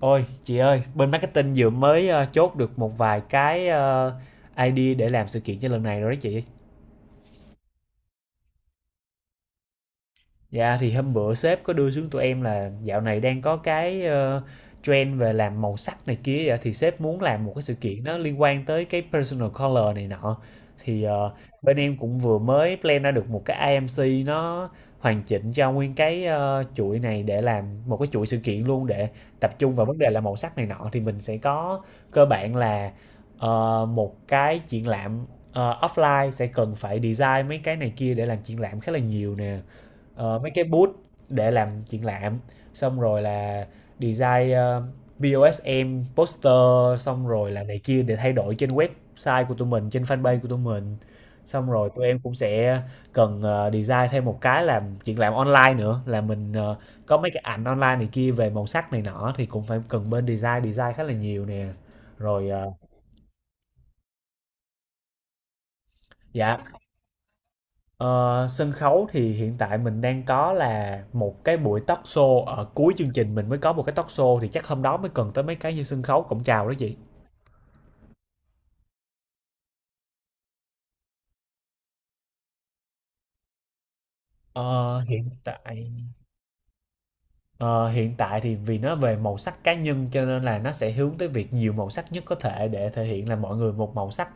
Ôi, chị ơi, bên marketing vừa mới chốt được một vài cái idea để làm sự kiện cho lần này rồi đó chị. Dạ thì hôm bữa sếp có đưa xuống tụi em là dạo này đang có cái trend về làm màu sắc này kia, vậy thì sếp muốn làm một cái sự kiện nó liên quan tới cái personal color này nọ. thì ờ, Bên em cũng vừa mới plan ra được một cái IMC nó hoàn chỉnh cho nguyên cái chuỗi này để làm một cái chuỗi sự kiện luôn, để tập trung vào vấn đề là màu sắc này nọ. Thì mình sẽ có cơ bản là một cái triển lãm offline, sẽ cần phải design mấy cái này kia để làm triển lãm khá là nhiều nè. Ờ, mấy cái booth để làm triển lãm, xong rồi là design POSM, poster, xong rồi là này kia để thay đổi trên website của tụi mình, trên fanpage của tụi mình. Xong rồi tụi em cũng sẽ cần design thêm một cái làm triển lãm online nữa, là mình có mấy cái ảnh online này kia về màu sắc này nọ, thì cũng phải cần bên design design khá là nhiều nè. Rồi ờ, dạ. Ờ, sân khấu thì hiện tại mình đang có là một cái buổi talk show ở cuối chương trình, mình mới có một cái talk show, thì chắc hôm đó mới cần tới mấy cái như sân khấu cổng chào đó chị. Ờ, hiện tại ờ, hiện tại thì vì nó về màu sắc cá nhân cho nên là nó sẽ hướng tới việc nhiều màu sắc nhất có thể để thể hiện là mọi người một màu sắc.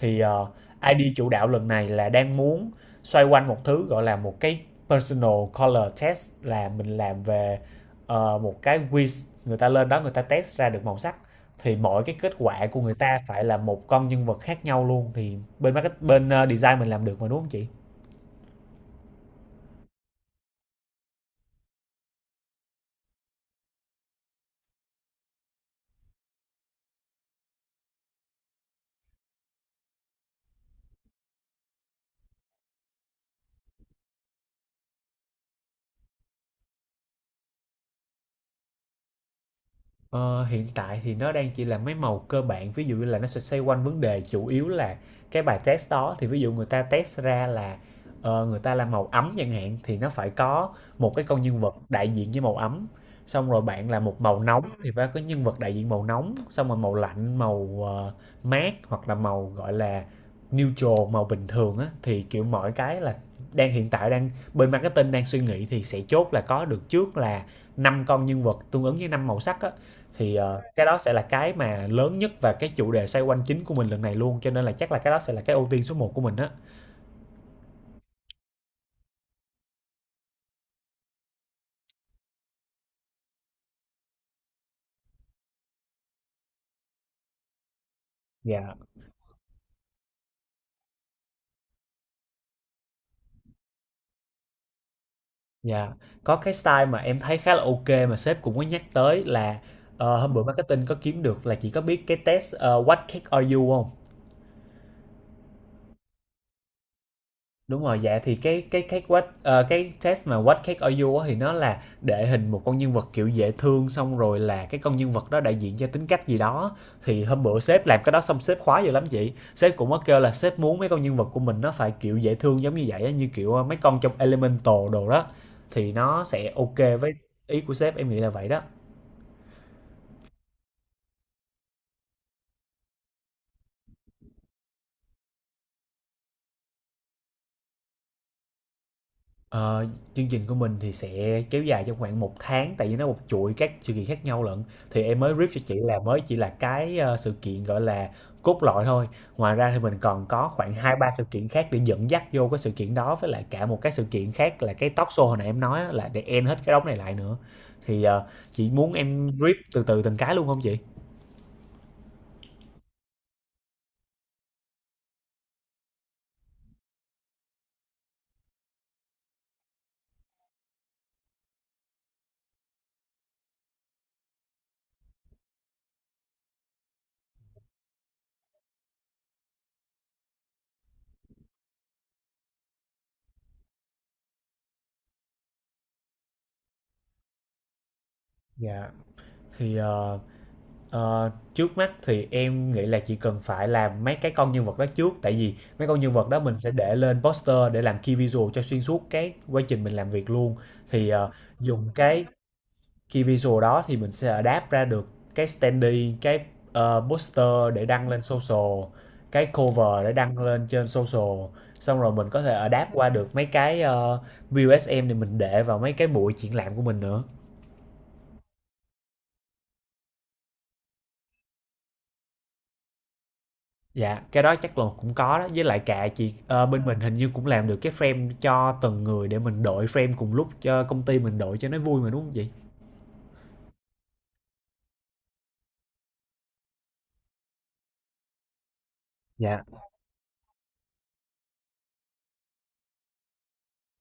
Thì ID chủ đạo lần này là đang muốn xoay quanh một thứ gọi là một cái personal color test, là mình làm về uh, một cái quiz, người ta lên đó người ta test ra được màu sắc, thì mỗi cái kết quả của người ta phải là một con nhân vật khác nhau luôn. Thì bên market, bên design mình làm được mà đúng không chị? Ờ, hiện tại thì nó đang chỉ là mấy màu cơ bản, ví dụ như là nó sẽ xoay quanh vấn đề chủ yếu là cái bài test đó. Thì ví dụ người ta test ra là người ta làm màu ấm chẳng hạn, thì nó phải có một cái con nhân vật đại diện với màu ấm. Xong rồi bạn là một màu nóng thì phải có nhân vật đại diện màu nóng, xong rồi màu lạnh, màu mát, hoặc là màu gọi là neutral, màu bình thường á. Thì kiểu mọi cái là đang hiện tại đang bên marketing đang suy nghĩ, thì sẽ chốt là có được trước là năm con nhân vật tương ứng với năm màu sắc á. Thì, ờ, cái đó sẽ là cái mà lớn nhất và cái chủ đề xoay quanh chính của mình lần này luôn, cho nên là chắc là cái đó sẽ là cái ưu tiên số một của mình á. Dạ, dạ. Có cái style mà em thấy khá là ok mà sếp cũng có nhắc tới là, hôm bữa marketing có kiếm được là chỉ có biết cái test, "What cake are you" hông? Đúng rồi, dạ thì cái what cái test mà What Cake Are You á, thì nó là để hình một con nhân vật kiểu dễ thương, xong rồi là cái con nhân vật đó đại diện cho tính cách gì đó. Thì hôm bữa sếp làm cái đó xong sếp khoái dữ lắm chị. Sếp cũng có kêu là sếp muốn mấy con nhân vật của mình nó phải kiểu dễ thương giống như vậy á, như kiểu mấy con trong Elemental đồ đó, thì nó sẽ ok với ý của sếp, em nghĩ là vậy đó. Ờ, chương trình của mình thì sẽ kéo dài trong khoảng một tháng, tại vì nó một chuỗi các sự kiện khác nhau lận. Thì em mới brief cho chị là mới chỉ là cái sự kiện gọi là cốt lõi thôi. Ngoài ra thì mình còn có khoảng 2 3 sự kiện khác để dẫn dắt vô cái sự kiện đó, với lại cả một cái sự kiện khác là cái talk show hồi nãy em nói á, là để end hết cái đống này lại nữa. Chị muốn em brief từ từ từng cái luôn không chị? Dạ. Thì ờ, Trước mắt thì em nghĩ là chỉ cần phải làm mấy cái con nhân vật đó trước, tại vì mấy con nhân vật đó mình sẽ để lên poster để làm key visual cho xuyên suốt cái quá trình mình làm việc luôn. thì ờ, Dùng cái key visual đó thì mình sẽ adapt ra được cái standee, cái poster để đăng lên social, cái cover để đăng lên trên social. Xong rồi mình có thể adapt qua được mấy cái BUSM để mình để vào mấy cái buổi triển lãm của mình nữa. Dạ, cái đó chắc là cũng có đó, với lại cả chị bên mình hình như cũng làm được cái frame cho từng người để mình đổi frame cùng lúc cho công ty mình đổi cho nó vui mà đúng không chị? Dạ,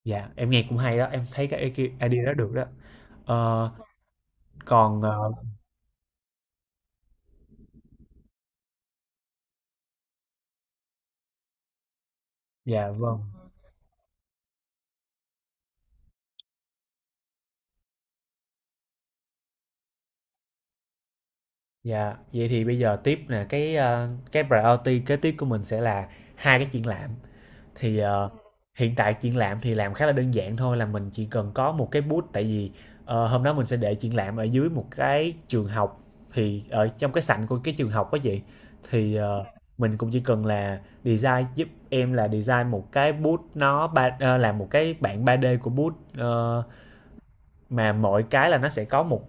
dạ, em nghe cũng hay đó, em thấy cái idea đó được đó. Ờ, còn ờ, dạ vâng. Dạ, vậy thì bây giờ tiếp nè, cái cái priority kế tiếp của mình sẽ là hai cái triển lãm. Thì ờ, Hiện tại triển lãm thì làm khá là đơn giản thôi, là mình chỉ cần có một cái booth, tại vì hôm đó mình sẽ để triển lãm ở dưới một cái trường học, thì ở trong cái sảnh của cái trường học đó chị. thì ờ, mình cũng chỉ cần là design giúp em là design một cái booth, nó ba làm một cái bản 3D của booth, mà mỗi cái là nó sẽ có một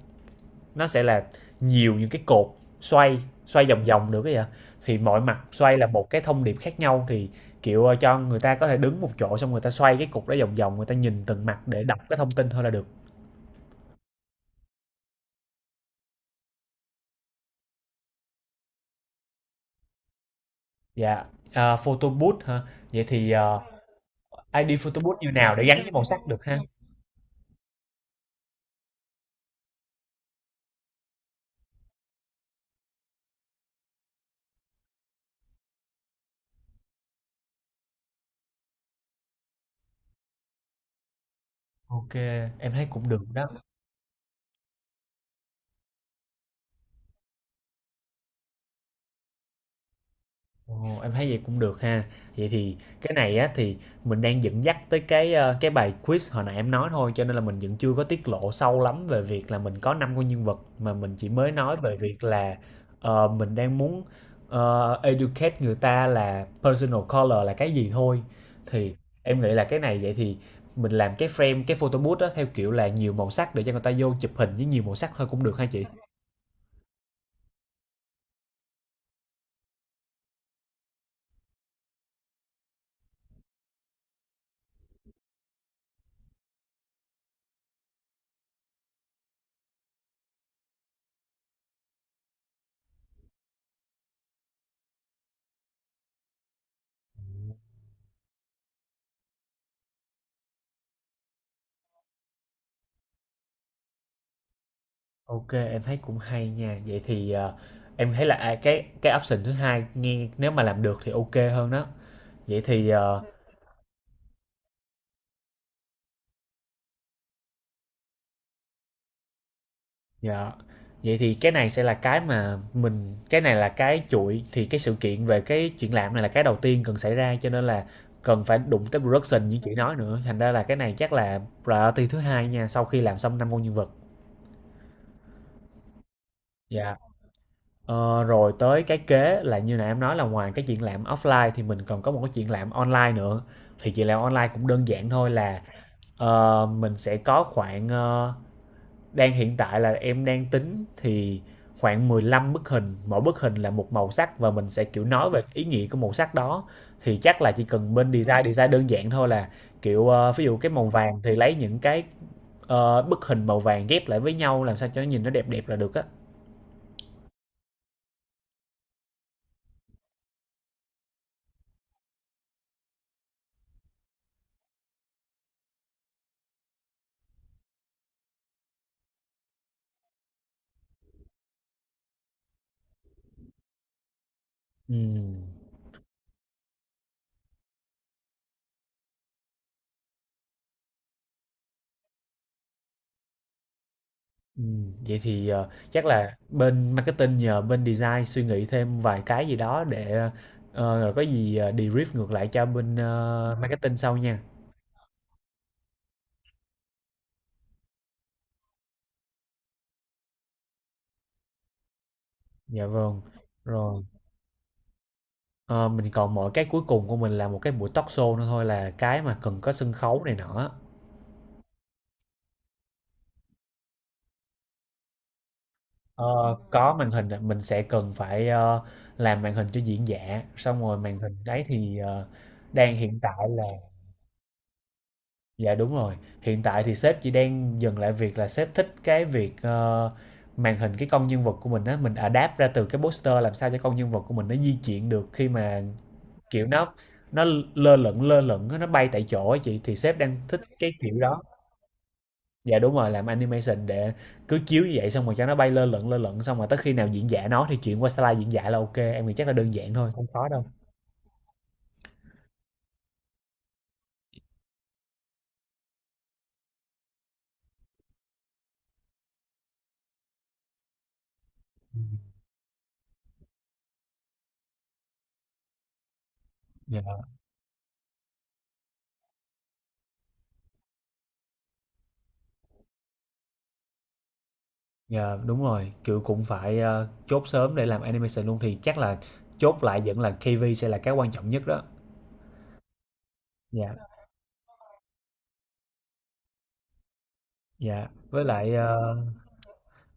nó sẽ là nhiều những cái cột xoay xoay vòng vòng được ấy ạ. Thì mọi mặt xoay là một cái thông điệp khác nhau, thì kiểu cho người ta có thể đứng một chỗ, xong người ta xoay cái cục đó vòng vòng, người ta nhìn từng mặt để đọc cái thông tin thôi là được. Dạ. À, photo booth hả? Vậy thì ID photo booth như nào để gắn với màu sắc được ha? Ok em thấy cũng được đó. Ồ, em thấy vậy cũng được ha. Vậy thì cái này á thì mình đang dẫn dắt tới cái cái bài quiz hồi nãy em nói thôi, cho nên là mình vẫn chưa có tiết lộ sâu lắm về việc là mình có năm con nhân vật, mà mình chỉ mới nói về việc là mình đang muốn educate người ta là personal color là cái gì thôi. Thì em nghĩ là cái này vậy thì mình làm cái frame, cái photo booth đó theo kiểu là nhiều màu sắc để cho người ta vô chụp hình với nhiều màu sắc thôi cũng được ha chị. Ok, em thấy cũng hay nha. Vậy thì em thấy là à, cái option thứ hai nghe, nếu mà làm được thì ok hơn đó. Vậy thì ờ, dạ. Vậy thì cái này sẽ là cái mà mình cái này là cái chuỗi, thì cái sự kiện về cái chuyện làm này là cái đầu tiên cần xảy ra, cho nên là cần phải đụng tới production như chị nói nữa. Thành ra là cái này chắc là priority thứ hai nha, sau khi làm xong năm con nhân vật. Dạ. Ờ, rồi tới cái kế là như nãy em nói, là ngoài cái chuyện làm offline thì mình còn có một cái chuyện làm online nữa. Thì chuyện làm online cũng đơn giản thôi là mình sẽ có khoảng đang hiện tại là em đang tính thì khoảng 15 bức hình, mỗi bức hình là một màu sắc và mình sẽ kiểu nói về ý nghĩa của màu sắc đó. Thì chắc là chỉ cần bên design design đơn giản thôi, là kiểu ví dụ cái màu vàng thì lấy những cái bức hình màu vàng ghép lại với nhau làm sao cho nó nhìn nó đẹp đẹp là được á. Ừ. Vậy thì, chắc là bên marketing nhờ bên design suy nghĩ thêm vài cái gì đó để, rồi có gì, debrief ngược lại cho bên, marketing sau nha. Dạ vâng. Rồi, ờ, mình còn mỗi cái cuối cùng của mình là một cái buổi talk show nữa thôi, là cái mà cần có sân khấu này nọ. Ờ, có màn hình mình sẽ cần phải, làm màn hình cho diễn giả, xong rồi màn hình đấy thì, đang hiện tại là dạ đúng rồi. Hiện tại thì sếp chỉ đang dừng lại việc là sếp thích cái việc, màn hình cái con nhân vật của mình á, mình adapt ra từ cái poster làm sao cho con nhân vật của mình nó di chuyển được, khi mà, kiểu, nó lơ lửng á, nó bay tại chỗ á chị, thì sếp đang thích cái kiểu đó. Dạ đúng rồi, làm animation để cứ chiếu như vậy, xong rồi cho nó bay lơ lửng, lơ lửng, xong rồi tới khi nào diễn giả nó thì chuyển qua slide diễn giả là ok. Em nghĩ chắc là đơn giản thôi, không khó đâu. Dạ. Dạ, đúng rồi, kiểu, cũng phải, chốt sớm để làm animation luôn, thì chắc là chốt lại vẫn là KV sẽ là cái quan trọng nhất đó. Dạ, dạ, với lại,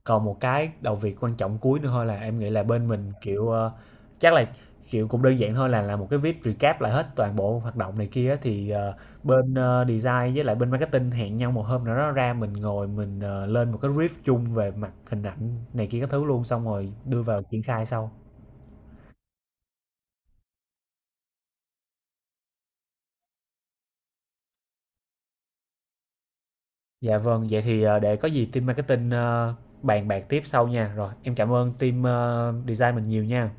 còn một cái đầu việc quan trọng cuối nữa thôi, là em nghĩ là bên mình, kiểu, chắc là, kiểu, cũng đơn giản thôi, là làm một cái viết recap lại hết toàn bộ hoạt động này kia á, thì, bên, design với lại bên marketing hẹn nhau một hôm nào đó ra mình ngồi mình, lên một cái brief chung về mặt hình ảnh này kia các thứ luôn, xong rồi đưa vào triển khai sau. Dạ vâng, vậy thì, để có gì team marketing, bàn bạc tiếp sau nha. Rồi, em cảm ơn team, design mình nhiều nha.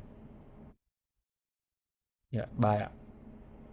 Dạ, bye ạ.